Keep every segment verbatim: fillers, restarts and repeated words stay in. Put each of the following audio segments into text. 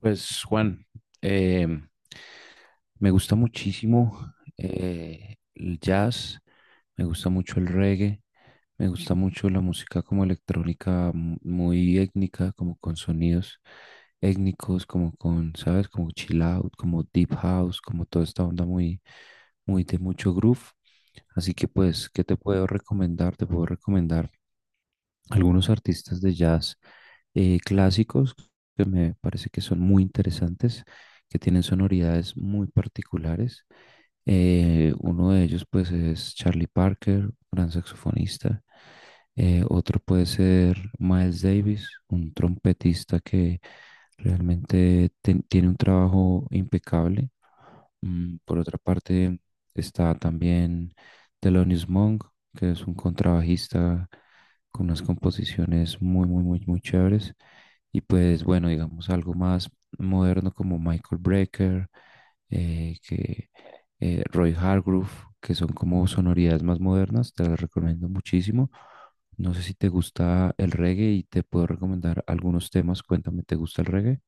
Pues Juan, eh, me gusta muchísimo eh, el jazz, me gusta mucho el reggae, me gusta mucho la música como electrónica mu- muy étnica, como con sonidos étnicos, como con, ¿sabes? Como chill out, como deep house, como toda esta onda muy, muy de mucho groove. Así que pues, ¿qué te puedo recomendar? Te puedo recomendar algunos artistas de jazz eh, clásicos que me parece que son muy interesantes, que tienen sonoridades muy particulares. Eh, uno de ellos pues es Charlie Parker, gran saxofonista. Eh, otro puede ser Miles Davis, un trompetista que realmente ten- tiene un trabajo impecable. Mm, por otra parte, está también Thelonious Monk, que es un contrabajista con unas composiciones muy, muy, muy, muy chéveres. Y pues bueno, digamos algo más moderno como Michael Brecker, eh, que, eh, Roy Hargrove, que son como sonoridades más modernas, te las recomiendo muchísimo. No sé si te gusta el reggae y te puedo recomendar algunos temas. Cuéntame, ¿te gusta el reggae?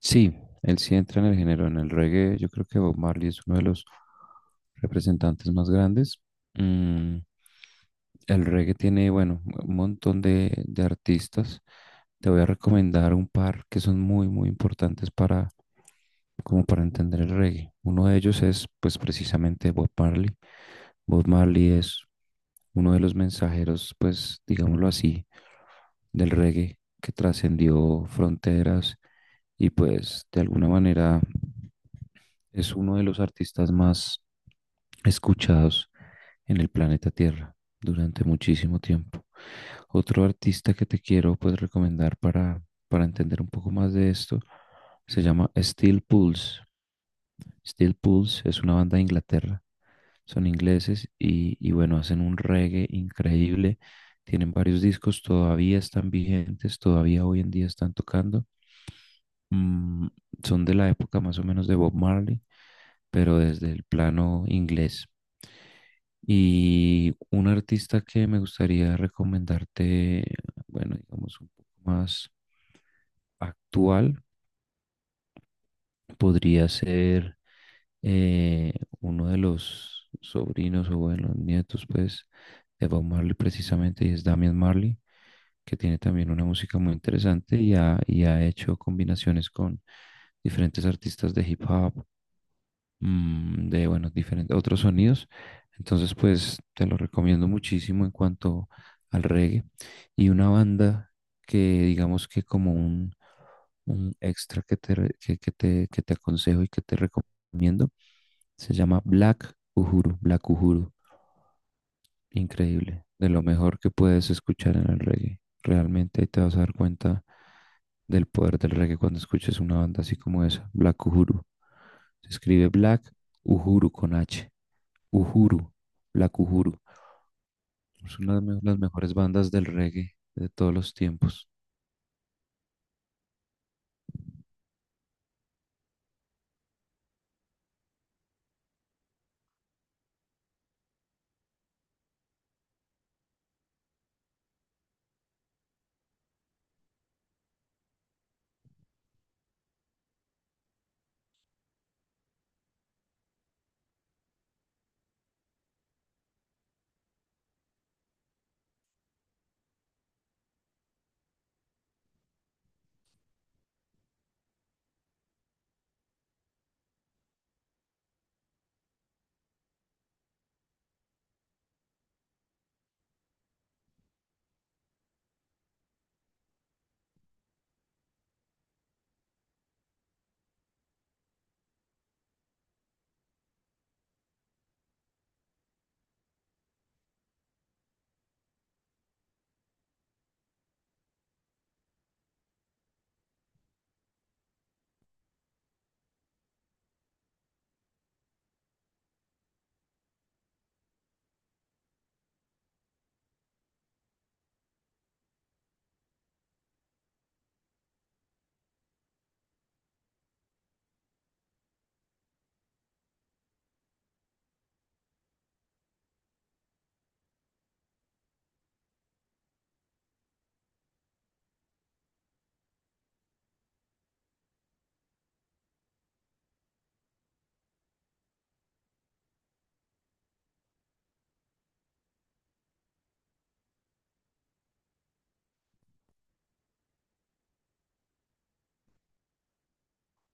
Sí, él sí entra en el género, en el reggae. Yo creo que Bob Marley es uno de los representantes más grandes. Mm, el reggae tiene, bueno, un montón de, de artistas. Te voy a recomendar un par que son muy, muy importantes para, como para entender el reggae. Uno de ellos es, pues, precisamente Bob Marley. Bob Marley es uno de los mensajeros, pues, digámoslo así, del reggae que trascendió fronteras y, pues, de alguna manera es uno de los artistas más escuchados en el planeta Tierra durante muchísimo tiempo. Otro artista que te quiero pues recomendar para, para entender un poco más de esto se llama Steel Pulse. Steel Pulse es una banda de Inglaterra. Son ingleses y, y bueno, hacen un reggae increíble. Tienen varios discos, todavía están vigentes, todavía hoy en día están tocando. Mm, son de la época más o menos de Bob Marley, pero desde el plano inglés. Y un artista que me gustaría recomendarte, bueno, digamos un poco más actual, podría ser eh, uno de los sobrinos o bueno, nietos, pues, de Bob Marley precisamente, y es Damian Marley, que tiene también una música muy interesante y ha, y ha hecho combinaciones con diferentes artistas de hip hop, mm, de, bueno, diferentes otros sonidos. Entonces, pues te lo recomiendo muchísimo en cuanto al reggae. Y una banda que digamos que como un, un extra que te, re- que, que te, que te aconsejo y que te recomiendo, se llama Black Uhuru, Black Uhuru. Increíble, de lo mejor que puedes escuchar en el reggae. Realmente ahí te vas a dar cuenta del poder del reggae cuando escuches una banda así como esa, Black Uhuru. Se escribe Black Uhuru con H. Uhuru, Black Uhuru. Es una de las mejores bandas del reggae de todos los tiempos.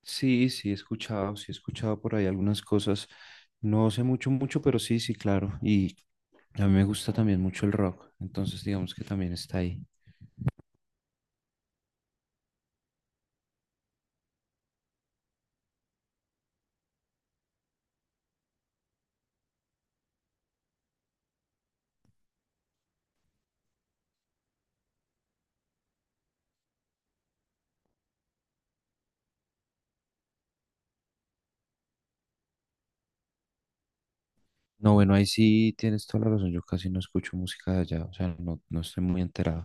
Sí, sí, he escuchado, sí, he escuchado por ahí algunas cosas. No sé mucho, mucho, pero sí, sí, claro. Y a mí me gusta también mucho el rock, entonces digamos que también está ahí. No, bueno, ahí sí tienes toda la razón. Yo casi no escucho música de allá, o sea, no, no estoy muy enterado.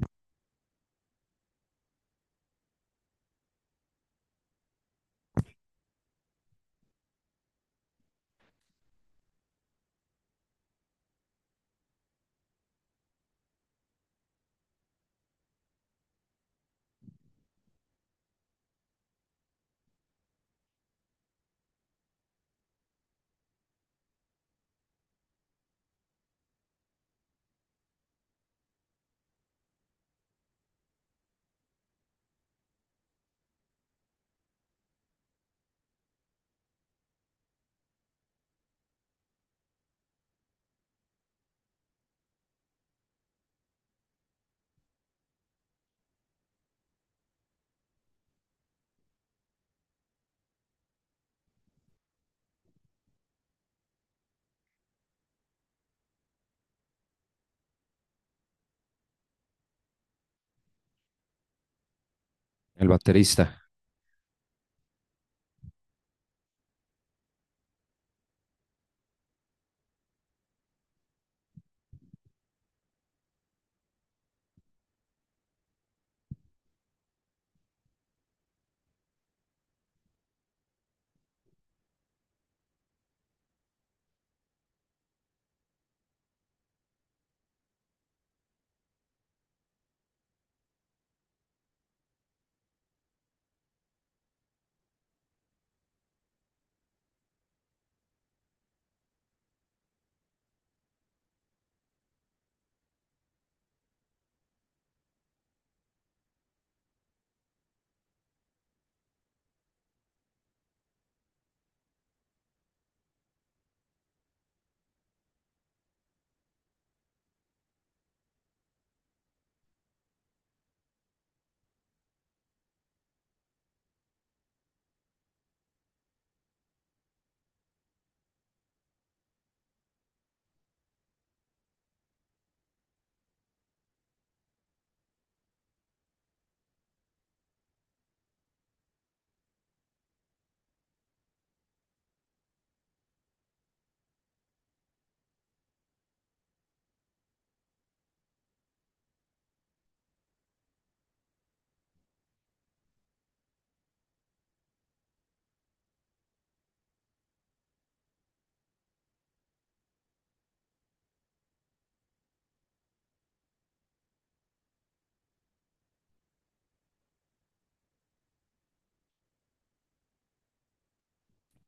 El baterista.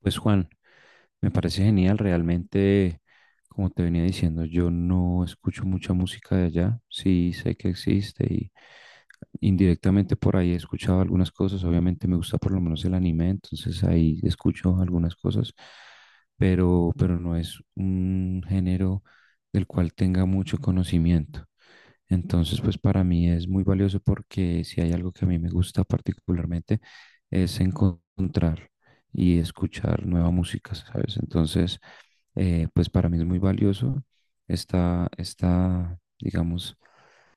Pues Juan, me parece genial, realmente, como te venía diciendo, yo no escucho mucha música de allá, sí sé que existe y indirectamente por ahí he escuchado algunas cosas, obviamente me gusta por lo menos el anime, entonces ahí escucho algunas cosas, pero, pero no es un género del cual tenga mucho conocimiento. Entonces, pues para mí es muy valioso porque si hay algo que a mí me gusta particularmente es encontrar y escuchar nueva música, ¿sabes? Entonces, eh, pues para mí es muy valioso esta, esta, digamos,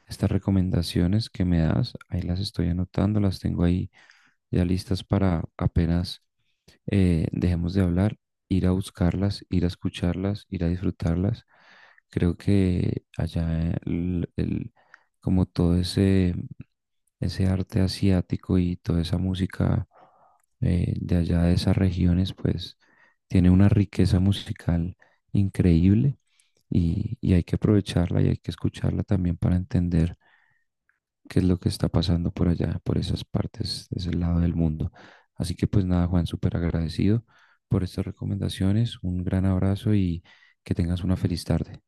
estas recomendaciones que me das. Ahí las estoy anotando, las tengo ahí ya listas para apenas eh, dejemos de hablar, ir a buscarlas, ir a escucharlas, ir a disfrutarlas. Creo que allá eh, el, el- como todo ese, ese arte asiático y toda esa música eh, de allá de esas regiones, pues tiene una riqueza musical increíble y, y hay que aprovecharla y hay que escucharla también para entender qué es lo que está pasando por allá, por esas partes, de ese lado del mundo. Así que pues nada, Juan, súper agradecido por estas recomendaciones. Un gran abrazo y que tengas una feliz tarde.